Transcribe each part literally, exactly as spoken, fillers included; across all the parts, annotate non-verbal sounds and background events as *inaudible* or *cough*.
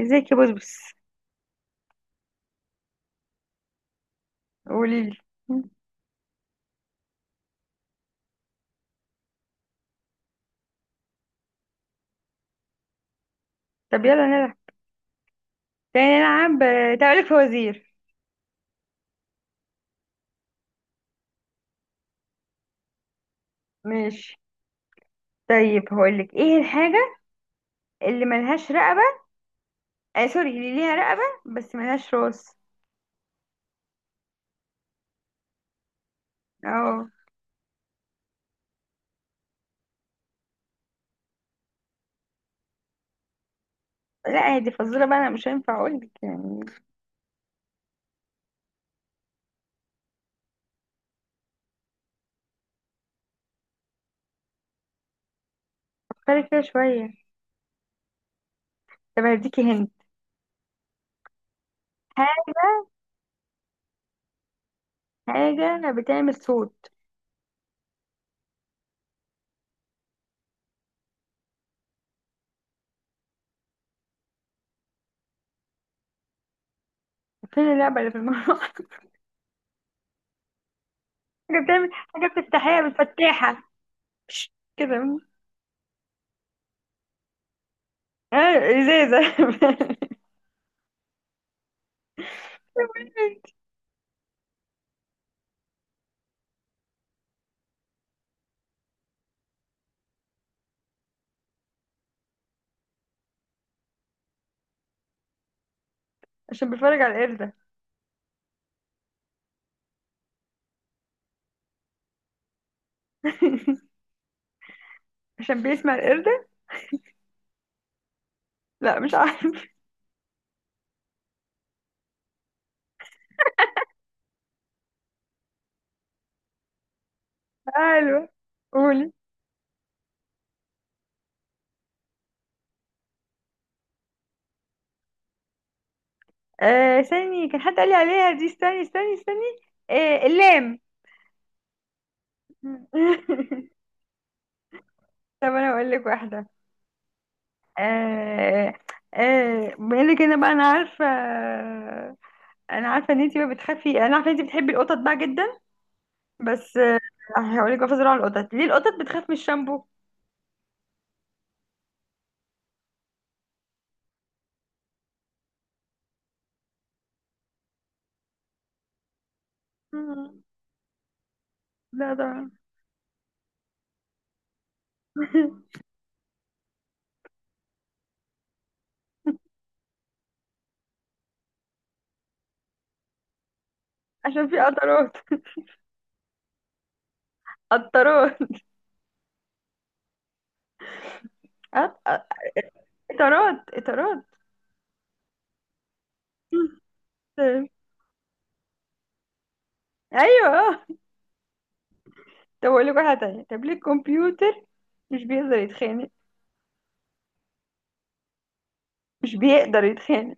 ازيك يا بسبس؟ قولي لي. طب يلا نلعب. تاني نلعب آه، تعالي لك فوازير. ماشي. طيب هقول لك ايه الحاجة اللي ملهاش رقبة؟ آه سوري، اللي ليها رقبة بس ملهاش راس. اه. لا هي دي فزورة بقى، انا مش هينفع اقول لك يعني. فكري كده شوية. طب هديكي هنت حاجة. حاجة بتعمل صوت. فين اللعبة اللي في المروحة؟ *laughs* حاجة بتعمل حاجة بتفتحيها بالفتاحة. *laughs* كده. اه ازازة. *laughs* عشان بيتفرج على القردة. *laughs* عشان بيسمع القردة. لا مش عارف. حلوة. قولي. آه استني، كان حد قال لي عليها دي، استني استني استني آه اللام. *laughs* طب انا اقول لك واحدة. آه. آه بما انك، انا بقى انا عارفة. انا عارفة ان انتي ما بتخافي، انا عارفة ان انتي بتحبي القطط بقى جدا. بس آه هقول لك، بفزر على القطط: ليه القطط بتخاف من الشامبو؟ *laughs* مم. لا طبعا. *laughs* عشان في قطرات. قطرات. قط- قطرات قطرات. ايوه اه. طب اقول لك واحده تانية. طب ليه الكمبيوتر مش بيقدر يتخانق؟ مش بيقدر يتخانق.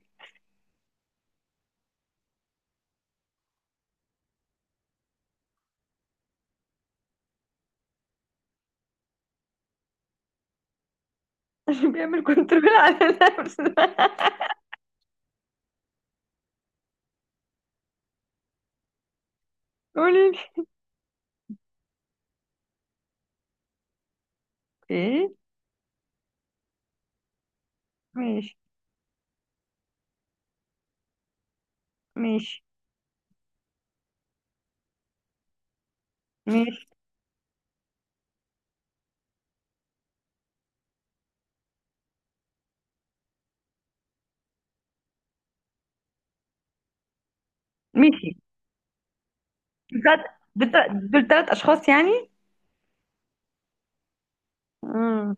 *laughs* عشان بيعمل كنترول على نفسه. *laughs* قولي لي ايه. ماشي. ماشي. ماشي. ماشي. دول تلات، دول تلات اشخاص يعني. امم.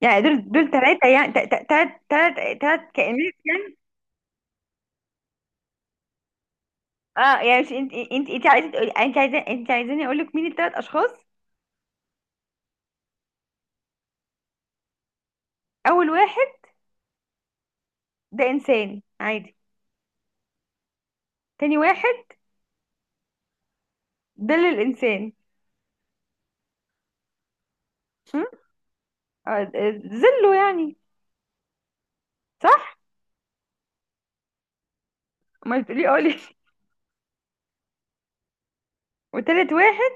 يعني دول دول ثلاثة، يعني ثلاث. ثلاث. ثلاث كائنات يعني. اه، يعني مش انت انت انت عايزه تقولي، انت عايزه، انت عايزاني اقول لك مين الثلاث اشخاص. اول واحد ده انسان عادي. تاني واحد ده للانسان. آه، آه، زله يعني. صح. ما تقولي، قولي. *laughs* وتالت واحد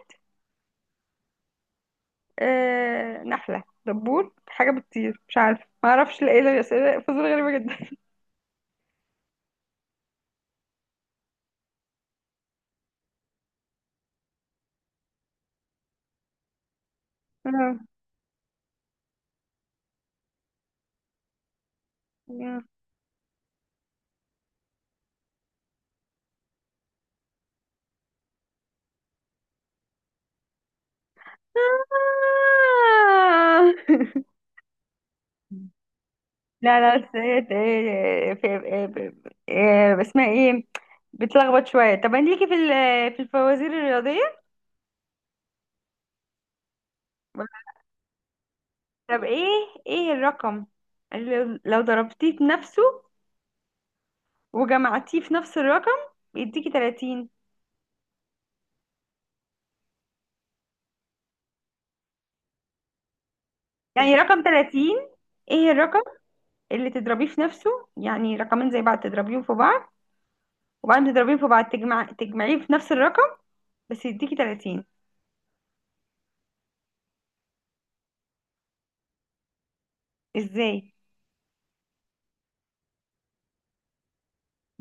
آه نحلة، دبور، حاجة بتطير، مش عارفة، ما اعرفش. لا، ايه ده؟ اسئلة فزورة غريبة جدا. *laughs* آه. آه. *laughs* لا لا، بس هي آه، في. آه، آه، اسمها ايه؟ بتلخبط شوية. طب انت ليكي في ال- في الفوازير الرياضية؟ طب ايه، ايه الرقم اللي لو ضربتيه في نفسه وجمعتيه في نفس الرقم بيديكي تلاتين؟ يعني رقم تلاتين، ايه الرقم اللي تضربيه في نفسه، يعني رقمين زي بعض تضربيهم في بعض، وبعدين تضربيهم في بعض تجمع تجمعيه في نفس الرقم، بس يديكي تلاتين؟ ازاي.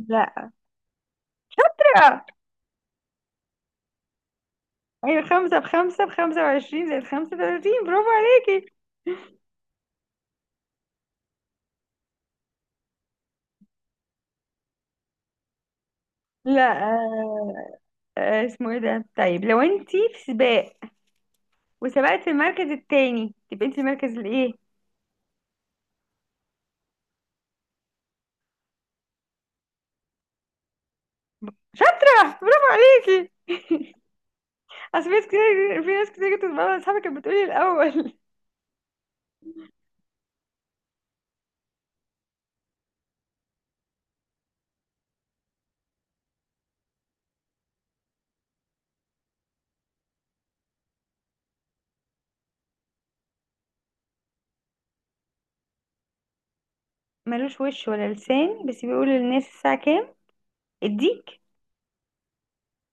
لا. ايوه، خمسة بخمسة بخمسة وعشرين، زائد خمسة وتلاتين. برافو عليكي. لا آه. آه، اسمه ايه ده؟ طيب لو انتي في سباق وسبقت المركز التاني، تبقى انتي المركز الايه؟ شاطرة، برافو عليكي. *laughs* اصل في ناس كتير، في ناس كتير كنت بتبقى اصحابي كانت بتقولي الاول. ملوش وش ولا لسان بس بيقول للناس الساعة كام؟ الديك.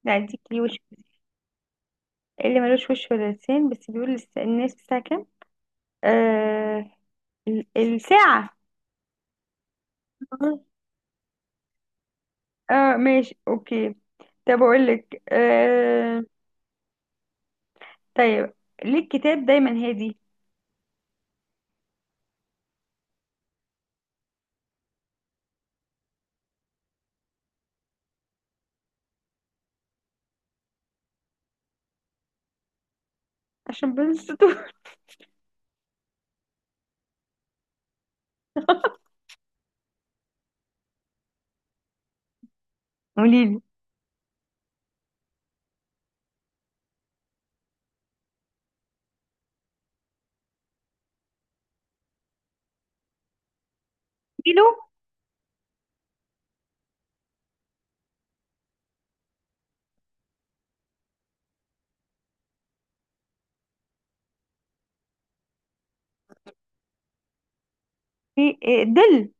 لا الديك ليه وش. اللي ملوش وش ولا لسان بس بيقول للس- للناس الساعة كام؟ آه ال- الساعة. آه. اه ماشي اوكي. طب اقول لك آه، طيب ليه الكتاب دايما هادي؟ عشان بين السطور. *laughs* قولي لي. كيلو. في آه، دل.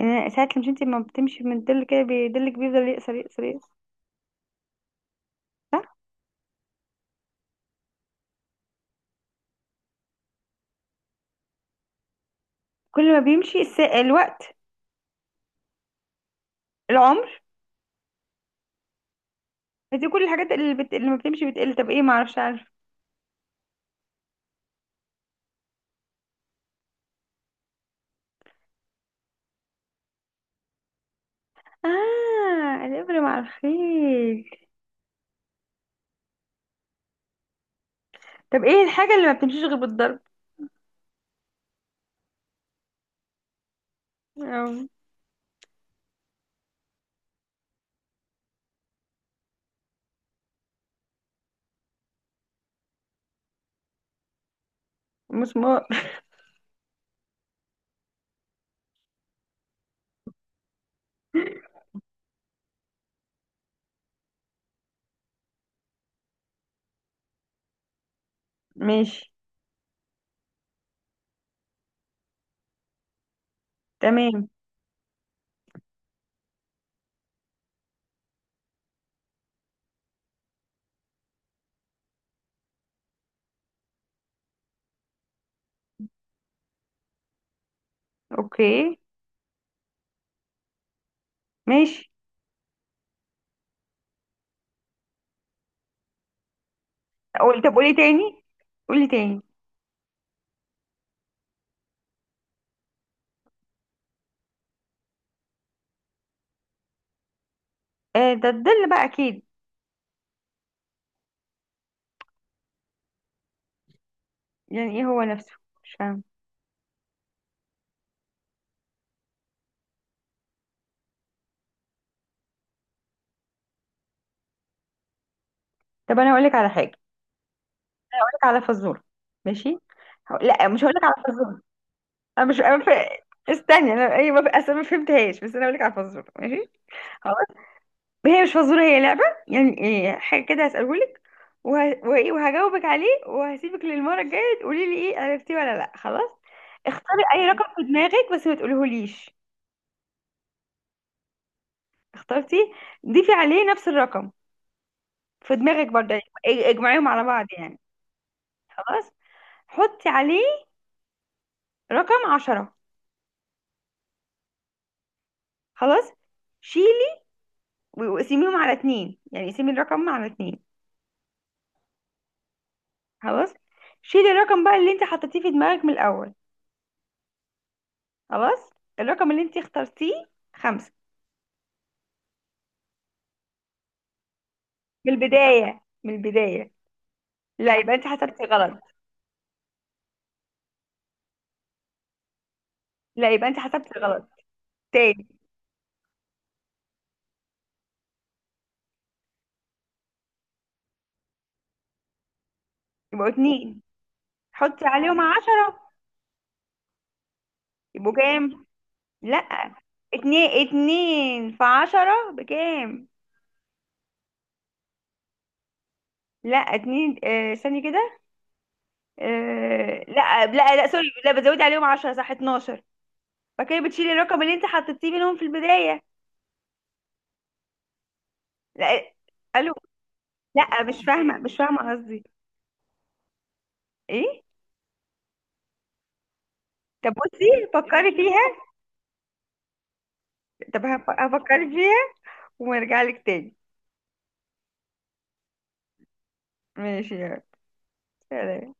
يعني ساعات مش انت لما بتمشي من الدل كده بيدلك، بيفضل يقصر يقصر يقصر. صح. كل ما بيمشي الس... الوقت. العمر. دي كل الحاجات اللي بت... اللي ما بتمشي بتقل. طب ايه، ما اعرفش. اه الابره مع الخيل. طب ايه الحاجه اللي ما بتمشيش غير بالضرب، أو؟ مسمار. *laughs* ماشي. تمام. اوكي. ماشي. قول، طب قولي تاني، قولي تاني. آه ده الظل بقى اكيد. يعني ايه هو نفسه؟ مش فاهم. طب انا هقول لك على حاجه، هقول لك على فزوره. ماشي. هق- لا مش هقول لك على فزوره. انا مش، أنا ف... استني انا، ايوه بف... اصل ما فهمتهاش، بس انا هقول لك على فزوره. ماشي. هي مش فزورة، هي لعبة، يعني إيه حاجة كده هسألهولك، وه... وإيه وهجاوبك عليه، وهسيبك للمرة الجاية تقولي لي إيه، عرفتيه ولا لأ. خلاص اختاري أي رقم في دماغك، بس ما تقوليهوليش. اخترتي؟ ضيفي عليه نفس الرقم في دماغك برضه، يعني اج- اجمعيهم على بعض يعني. خلاص؟ حطي عليه رقم عشرة. خلاص؟ شيلي، و- وقسميهم على اتنين، يعني قسمي الرقم على اتنين. خلاص؟ شيلي الرقم بقى اللي انت حطيتيه في دماغك من الأول. خلاص. الرقم اللي انت اخترتيه خمسة؟ من البداية، من البداية. لا يبقى انت حسبتي غلط. لا يبقى انت حسبتي غلط تاني. يبقوا اتنين، حطي عليهم عشرة، يبقوا كام؟ لا اتنين، اتنين في عشرة بكام؟ لا اتنين، آه استني كده، آه لا لا لا سوري، لا بتزودي عليهم عشرة، صح، اتناشر. فكده بتشيلي الرقم اللي انت حطيتيه منهم في البداية. لا. الو. لا مش فاهمة، مش فاهمة قصدي ايه. طب بصي فكري فيها. طب هف- هفكري فيها ونرجع لك تاني. ماشي. يعني.